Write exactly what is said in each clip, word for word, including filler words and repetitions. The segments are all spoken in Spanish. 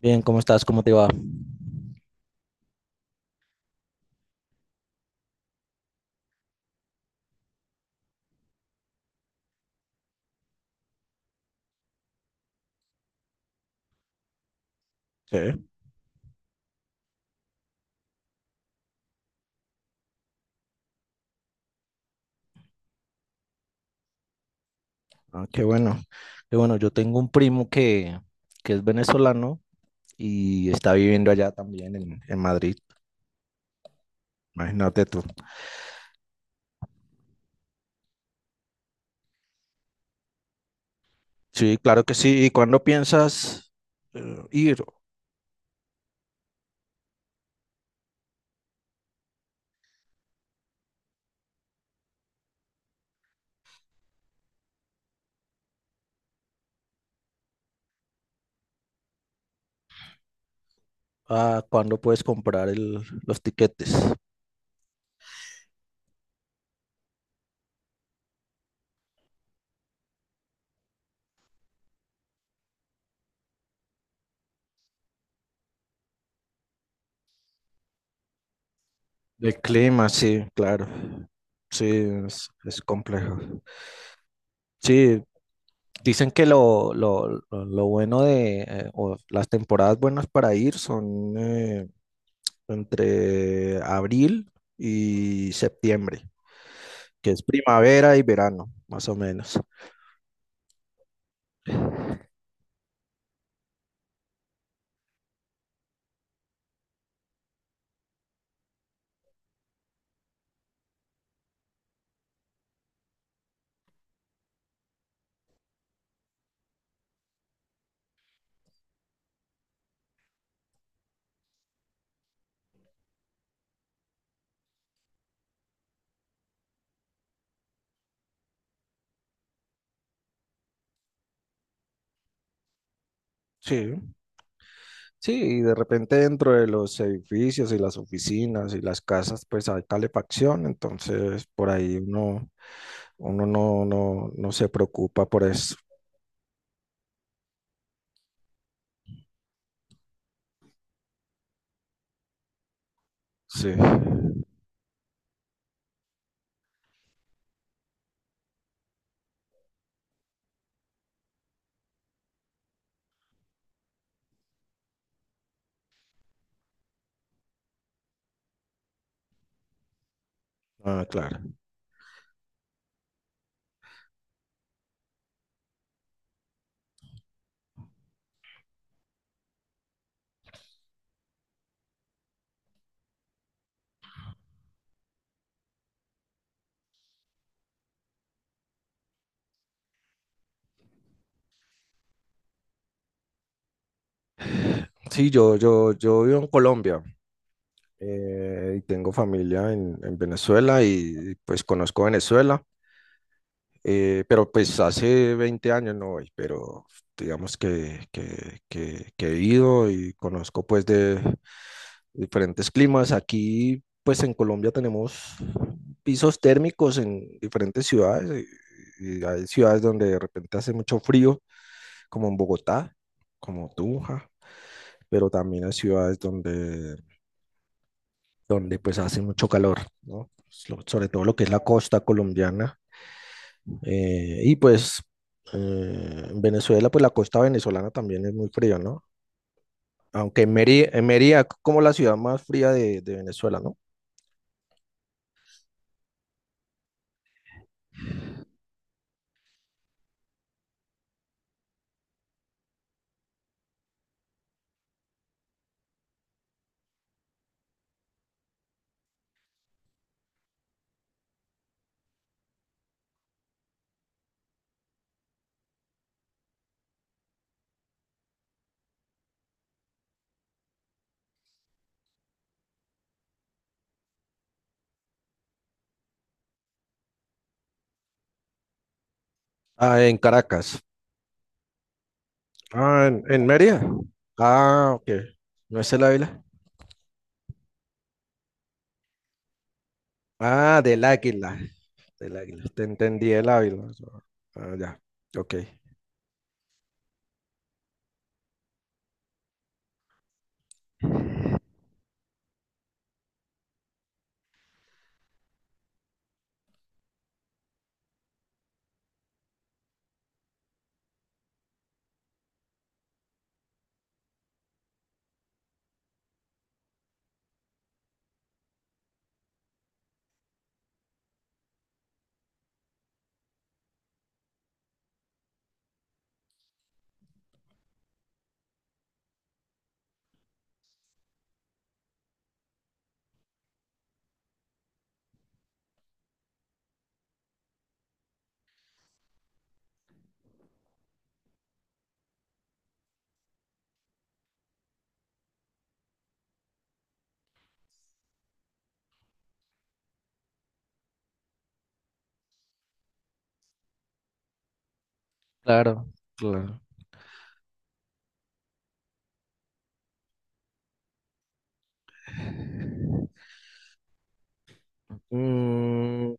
Bien, ¿cómo estás? ¿Cómo te va? Sí. Ah, qué bueno. Qué bueno, yo tengo un primo que, que es venezolano y está viviendo allá también en, en Madrid. Imagínate tú. Sí, claro que sí. ¿Y cuándo piensas eh, ir? Ah, ¿cuándo puedes comprar el- los tiquetes? De clima, sí, claro. Sí, es, es complejo. Sí, dicen que lo, lo, lo- lo bueno de, eh, o las temporadas buenas para ir son eh, entre abril y septiembre, que es primavera y verano, más o menos. Sí, sí, y de repente dentro de los edificios y las oficinas y las casas, pues hay calefacción, entonces por ahí uno, uno no, no, no se preocupa por eso. Sí, ah, claro. Sí, yo, yo, yo vivo en Colombia. eh, y tengo familia en, en Venezuela y pues conozco Venezuela. Eh, pero pues hace veinte años no voy, pero digamos que, que, que, que he ido y conozco pues de diferentes climas. Aquí pues en Colombia tenemos pisos térmicos en diferentes ciudades y, y hay ciudades donde de repente hace mucho frío, como en Bogotá, como Tunja, pero también hay ciudades donde, donde pues hace mucho calor, ¿no? So- Sobre todo lo que es la costa colombiana. Eh, y pues eh, en Venezuela, pues la costa venezolana también es muy fría, ¿no? Aunque Mérida, Mérida es como la ciudad más fría de, de Venezuela, ¿no? Ah, en Caracas. Ah, en, en Mérida. Ah, ok. ¿No es el Ávila? Ah, del Águila. Del Águila. Te entendí el Ávila. Ah, ya. Ok. Claro. Claro. Mm,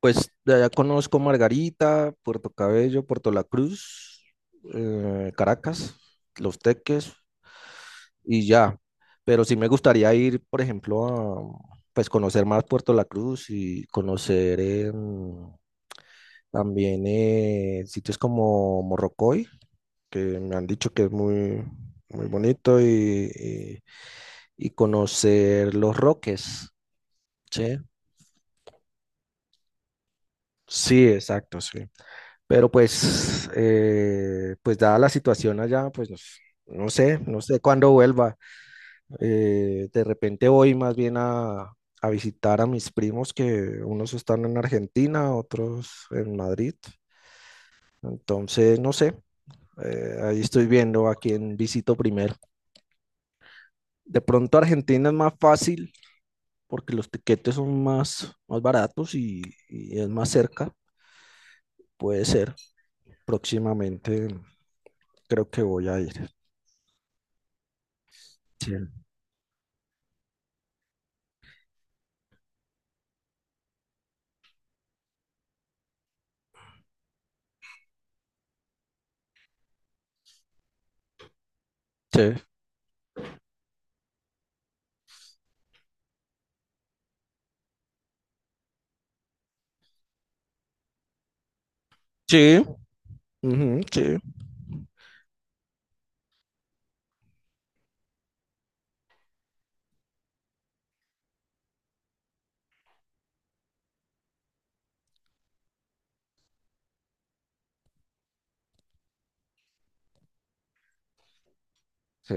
Pues de allá conozco Margarita, Puerto Cabello, Puerto La Cruz, eh, Caracas, Los Teques y ya. Pero sí me gustaría ir, por ejemplo, a pues conocer más Puerto La Cruz y conocer eh, también eh, sitios como Morrocoy, que me han dicho que es muy, muy bonito, y, y- y conocer Los Roques, ¿sí? Sí, exacto, sí. Pero pues, eh, pues dada la situación allá, pues nos- no sé, no sé cuándo vuelva. Eh, de repente voy más bien a, a visitar a mis primos que unos están en Argentina, otros en Madrid. Entonces, no sé, eh, ahí estoy viendo a quién visito primero. De pronto Argentina es más fácil porque los tiquetes son más, más baratos y, y es más cerca. Puede ser, próximamente creo que voy a ir. Sí. Sí. Sí, ujú, sí, sí,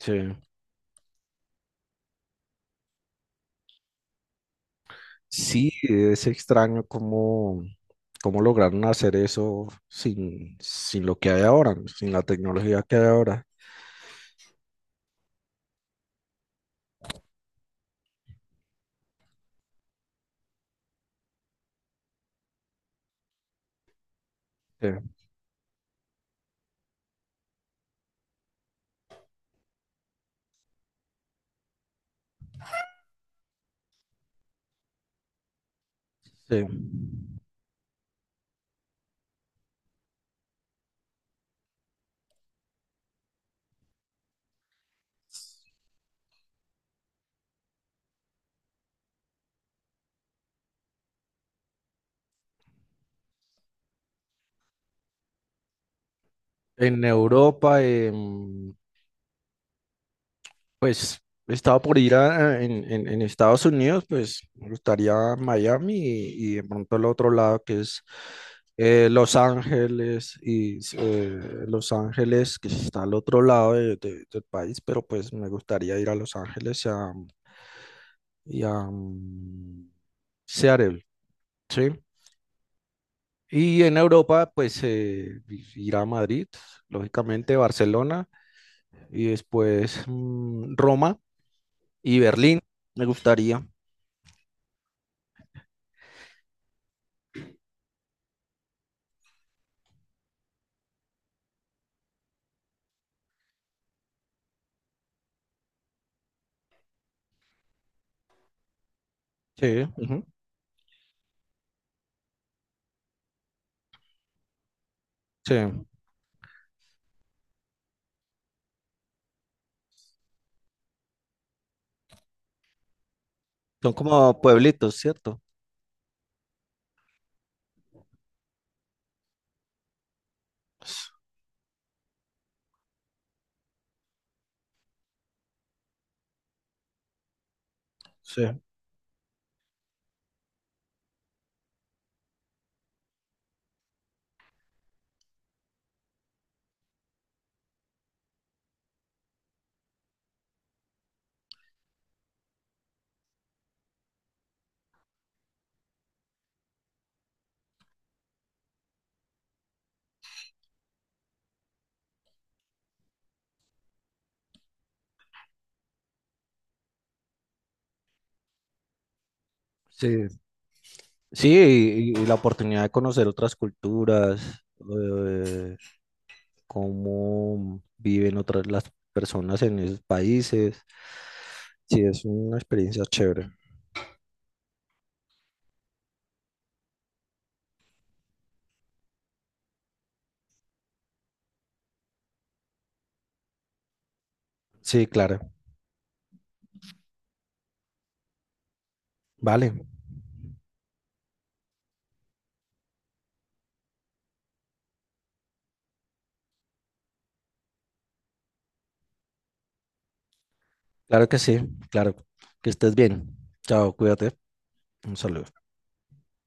sí. Sí, es extraño cómo, cómo lograron hacer eso sin, sin lo que hay ahora, sin la tecnología que hay ahora. Sí, sí. En Europa. En Pues estaba por ir a, en, en- en Estados Unidos, pues me gustaría Miami y, y de pronto el otro lado que es eh, Los Ángeles y eh, Los Ángeles que está al otro lado de- de- del país, pero pues me gustaría ir a Los Ángeles y a, y a, mm, Seattle, ¿sí? Y en Europa pues eh, i- ir a Madrid, lógicamente Barcelona y después mm, Roma y Berlín me gustaría. Sí, ujú, sí. Son como pueblitos, ¿cierto? Sí. Sí. Sí, y, y la oportunidad de conocer otras culturas, eh, cómo viven otras las personas en esos países. Sí, es una experiencia chévere. Sí, claro. Vale. Claro que sí. Claro. Que estés bien. Chao, cuídate. Un saludo.